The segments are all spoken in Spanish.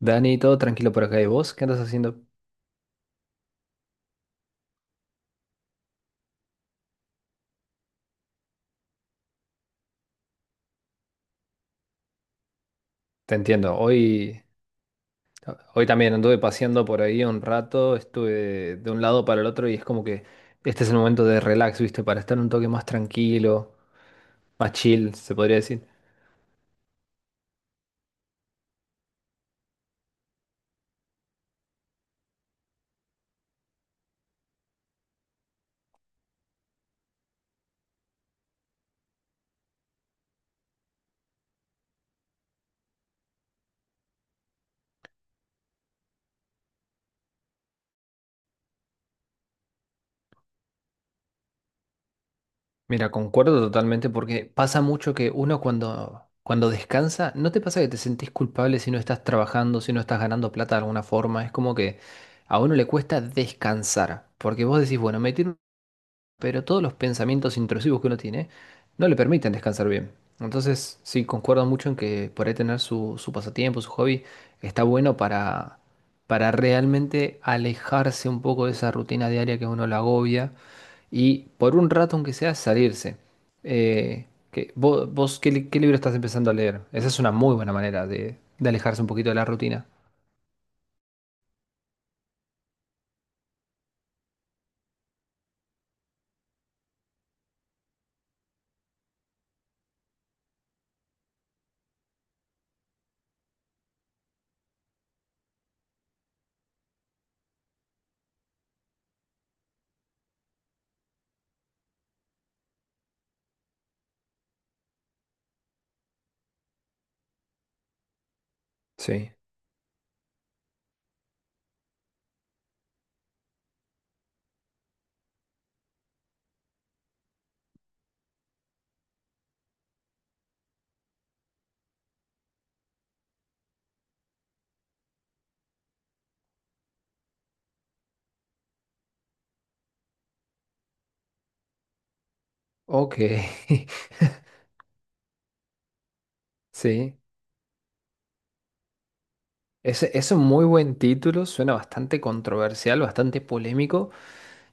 Dani, todo tranquilo por acá. ¿Y vos qué andas haciendo? Te entiendo. Hoy también anduve paseando por ahí un rato, estuve de un lado para el otro y es como que este es el momento de relax, ¿viste? Para estar un toque más tranquilo, más chill, se podría decir. Mira, concuerdo totalmente porque pasa mucho que uno cuando descansa, ¿no te pasa que te sentís culpable si no estás trabajando, si no estás ganando, pero todos los pensamientos intrusivos que uno tiene no le permiten descansar bien? Entonces, sí, concuerdo mucho en que por ahí tener su pasatiempo, su hobby, está bueno para realmente alejarse un poco de esa rutina diaria que a uno la agobia y por un rato, aunque sea, salirse. Que, vos ¿qué, qué libro estás empezando a leer? Esa es una muy buena manera de alejarse un poquito de la rutina. Sí. Ok. Sí. Ese es un muy buen título, suena bastante controversial, bastante polémico,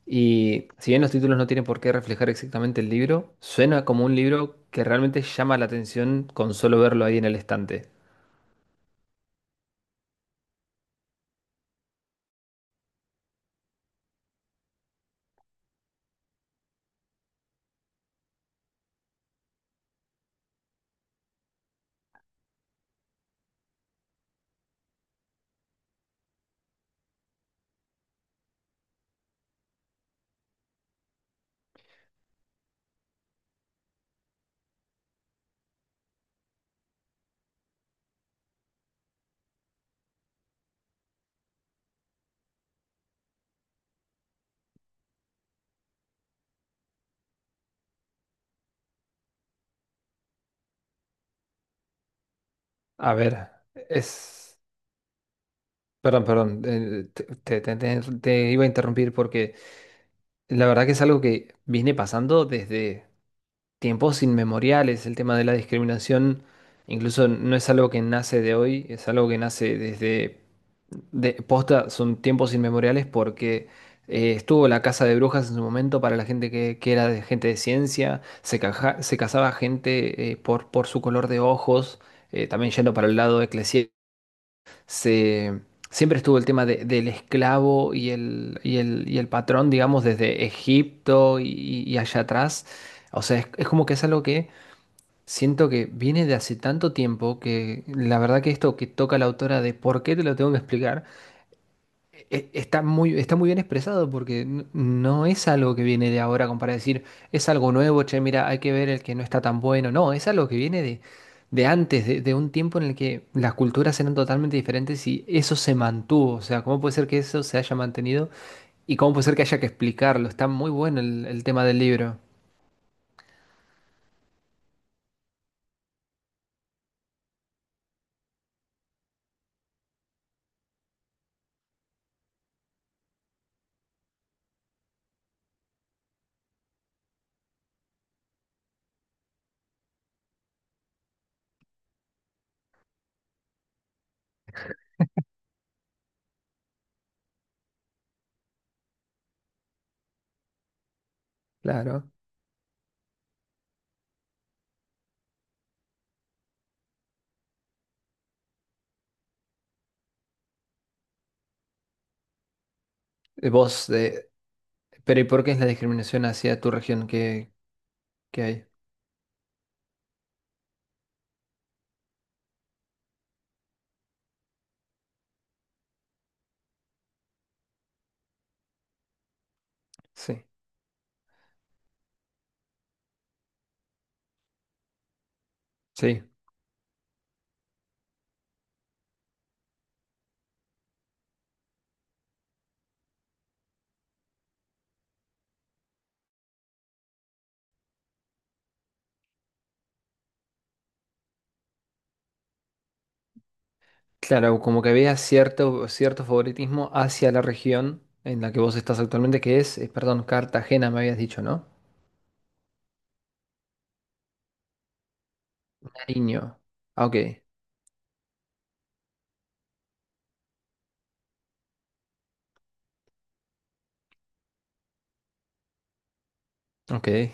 y si bien los títulos no tienen por qué reflejar exactamente el libro, suena como un libro que realmente llama la atención con solo verlo ahí en el estante. A ver, es... Perdón, perdón, te iba a interrumpir porque la verdad que es algo que viene pasando desde tiempos inmemoriales. El tema de la discriminación incluso no es algo que nace de hoy, es algo que nace desde posta, son tiempos inmemoriales porque estuvo la casa de brujas en su momento para la gente que era de gente de ciencia, se, se casaba gente por su color de ojos, también yendo para el lado eclesiástico se, siempre estuvo el tema del esclavo y el, y el, y el patrón, digamos, desde Egipto y allá atrás. O sea, es como que es algo que siento que viene de hace tanto tiempo que la verdad que esto que toca la autora de por qué te lo tengo que explicar está muy, está muy bien expresado porque no es algo que viene de ahora como para decir, es algo nuevo, che, mira, hay que ver el que no está tan bueno. No, es algo que viene de antes, de un tiempo en el que las culturas eran totalmente diferentes y eso se mantuvo. O sea, ¿cómo puede ser que eso se haya mantenido y cómo puede ser que haya que explicarlo? Está muy bueno el tema del libro. Claro. Vos, pero ¿y por qué es la discriminación hacia tu región que hay? Sí, sí. Claro, como que había cierto, cierto favoritismo hacia la región en la que vos estás actualmente, que es, perdón, Cartagena, me habías dicho, ¿no? Nariño. Ah, ok, ok.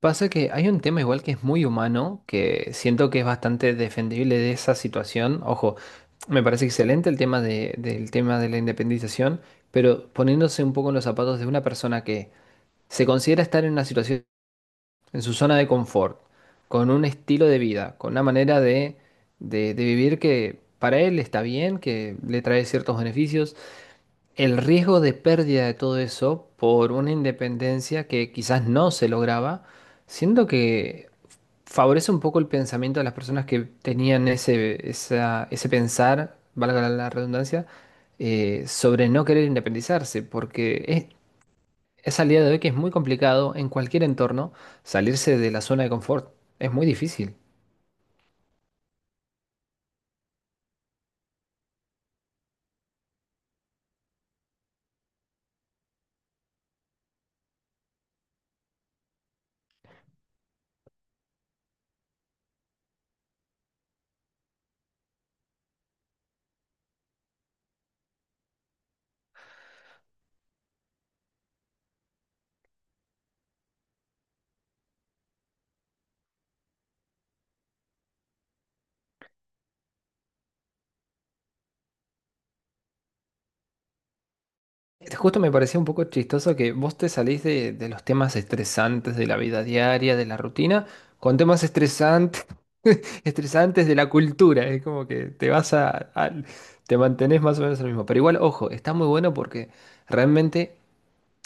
Pasa que hay un tema igual que es muy humano, que siento que es bastante defendible de esa situación. Ojo, me parece excelente el tema del tema de la independización, pero poniéndose un poco en los zapatos de una persona que se considera estar en una situación en su zona de confort, con un estilo de vida, con una manera de, de vivir que para él está bien, que le trae ciertos beneficios. El riesgo de pérdida de todo eso por una independencia que quizás no se lograba, siento que favorece un poco el pensamiento de las personas que tenían ese, ese pensar, valga la redundancia, sobre no querer independizarse, porque es al día de hoy que es muy complicado en cualquier entorno salirse de la zona de confort. Es muy difícil. Este, justo me parecía un poco chistoso que vos te salís de los temas estresantes de la vida diaria, de la rutina, con temas estresantes, estresantes de la cultura. Es como que te vas a, te mantenés más o menos lo mismo. Pero igual, ojo, está muy bueno porque realmente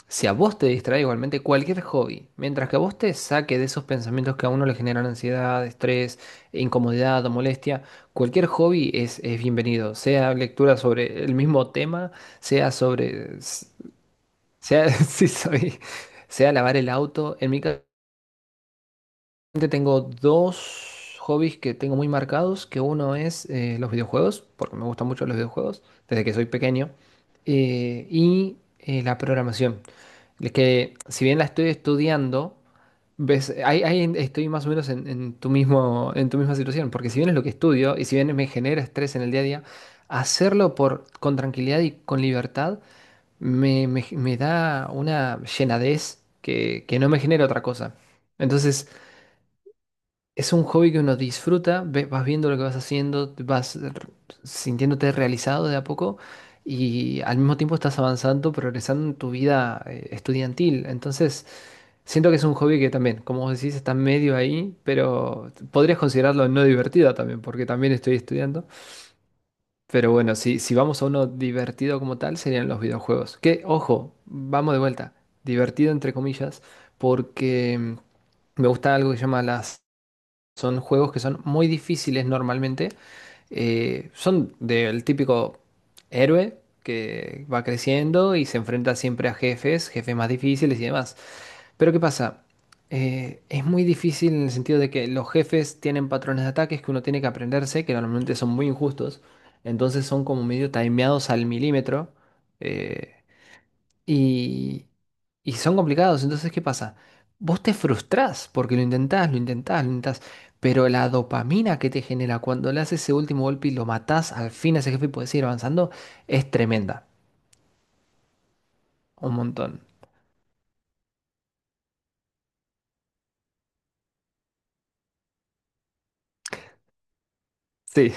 si a vos te distrae igualmente cualquier hobby, mientras que a vos te saque de esos pensamientos que a uno le generan ansiedad, estrés, incomodidad o molestia, cualquier hobby es bienvenido. Sea lectura sobre el mismo tema, sea sobre... Sea, sí soy, sea lavar el auto. En mi caso tengo dos hobbies que tengo muy marcados, que uno es los videojuegos, porque me gustan mucho los videojuegos desde que soy pequeño, la programación. Es que si bien la estoy estudiando, ves, ahí estoy más o menos en tu mismo, en tu misma situación, porque si bien es lo que estudio y si bien me genera estrés en el día a día, hacerlo por, con tranquilidad y con libertad me, me da una llenadez que no me genera otra cosa. Entonces, es un hobby que uno disfruta, vas viendo lo que vas haciendo, vas sintiéndote realizado de a poco y al mismo tiempo estás avanzando, progresando en tu vida estudiantil. Entonces, siento que es un hobby que también, como vos decís, está medio ahí, pero podrías considerarlo no divertido también, porque también estoy estudiando. Pero bueno, si, si vamos a uno divertido como tal, serían los videojuegos. Que, ojo, vamos de vuelta. Divertido entre comillas, porque me gusta algo que se llama las... Son juegos que son muy difíciles normalmente, son del típico héroe que va creciendo y se enfrenta siempre a jefes, jefes más difíciles y demás. Pero ¿qué pasa? Es muy difícil en el sentido de que los jefes tienen patrones de ataques que uno tiene que aprenderse, que normalmente son muy injustos, entonces son como medio timeados al milímetro. eh, y, y son complicados. Entonces, ¿qué pasa? Vos te frustrás porque lo intentás, lo intentás, lo intentás. Pero la dopamina que te genera cuando le haces ese último golpe y lo matás al fin a ese jefe y puedes seguir avanzando es tremenda. Un montón. Sí,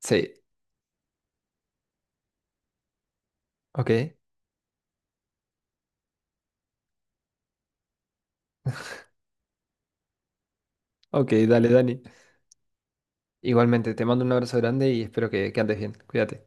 sí. Ok, ok, dale, Dani. Igualmente, te mando un abrazo grande y espero que andes bien. Cuídate.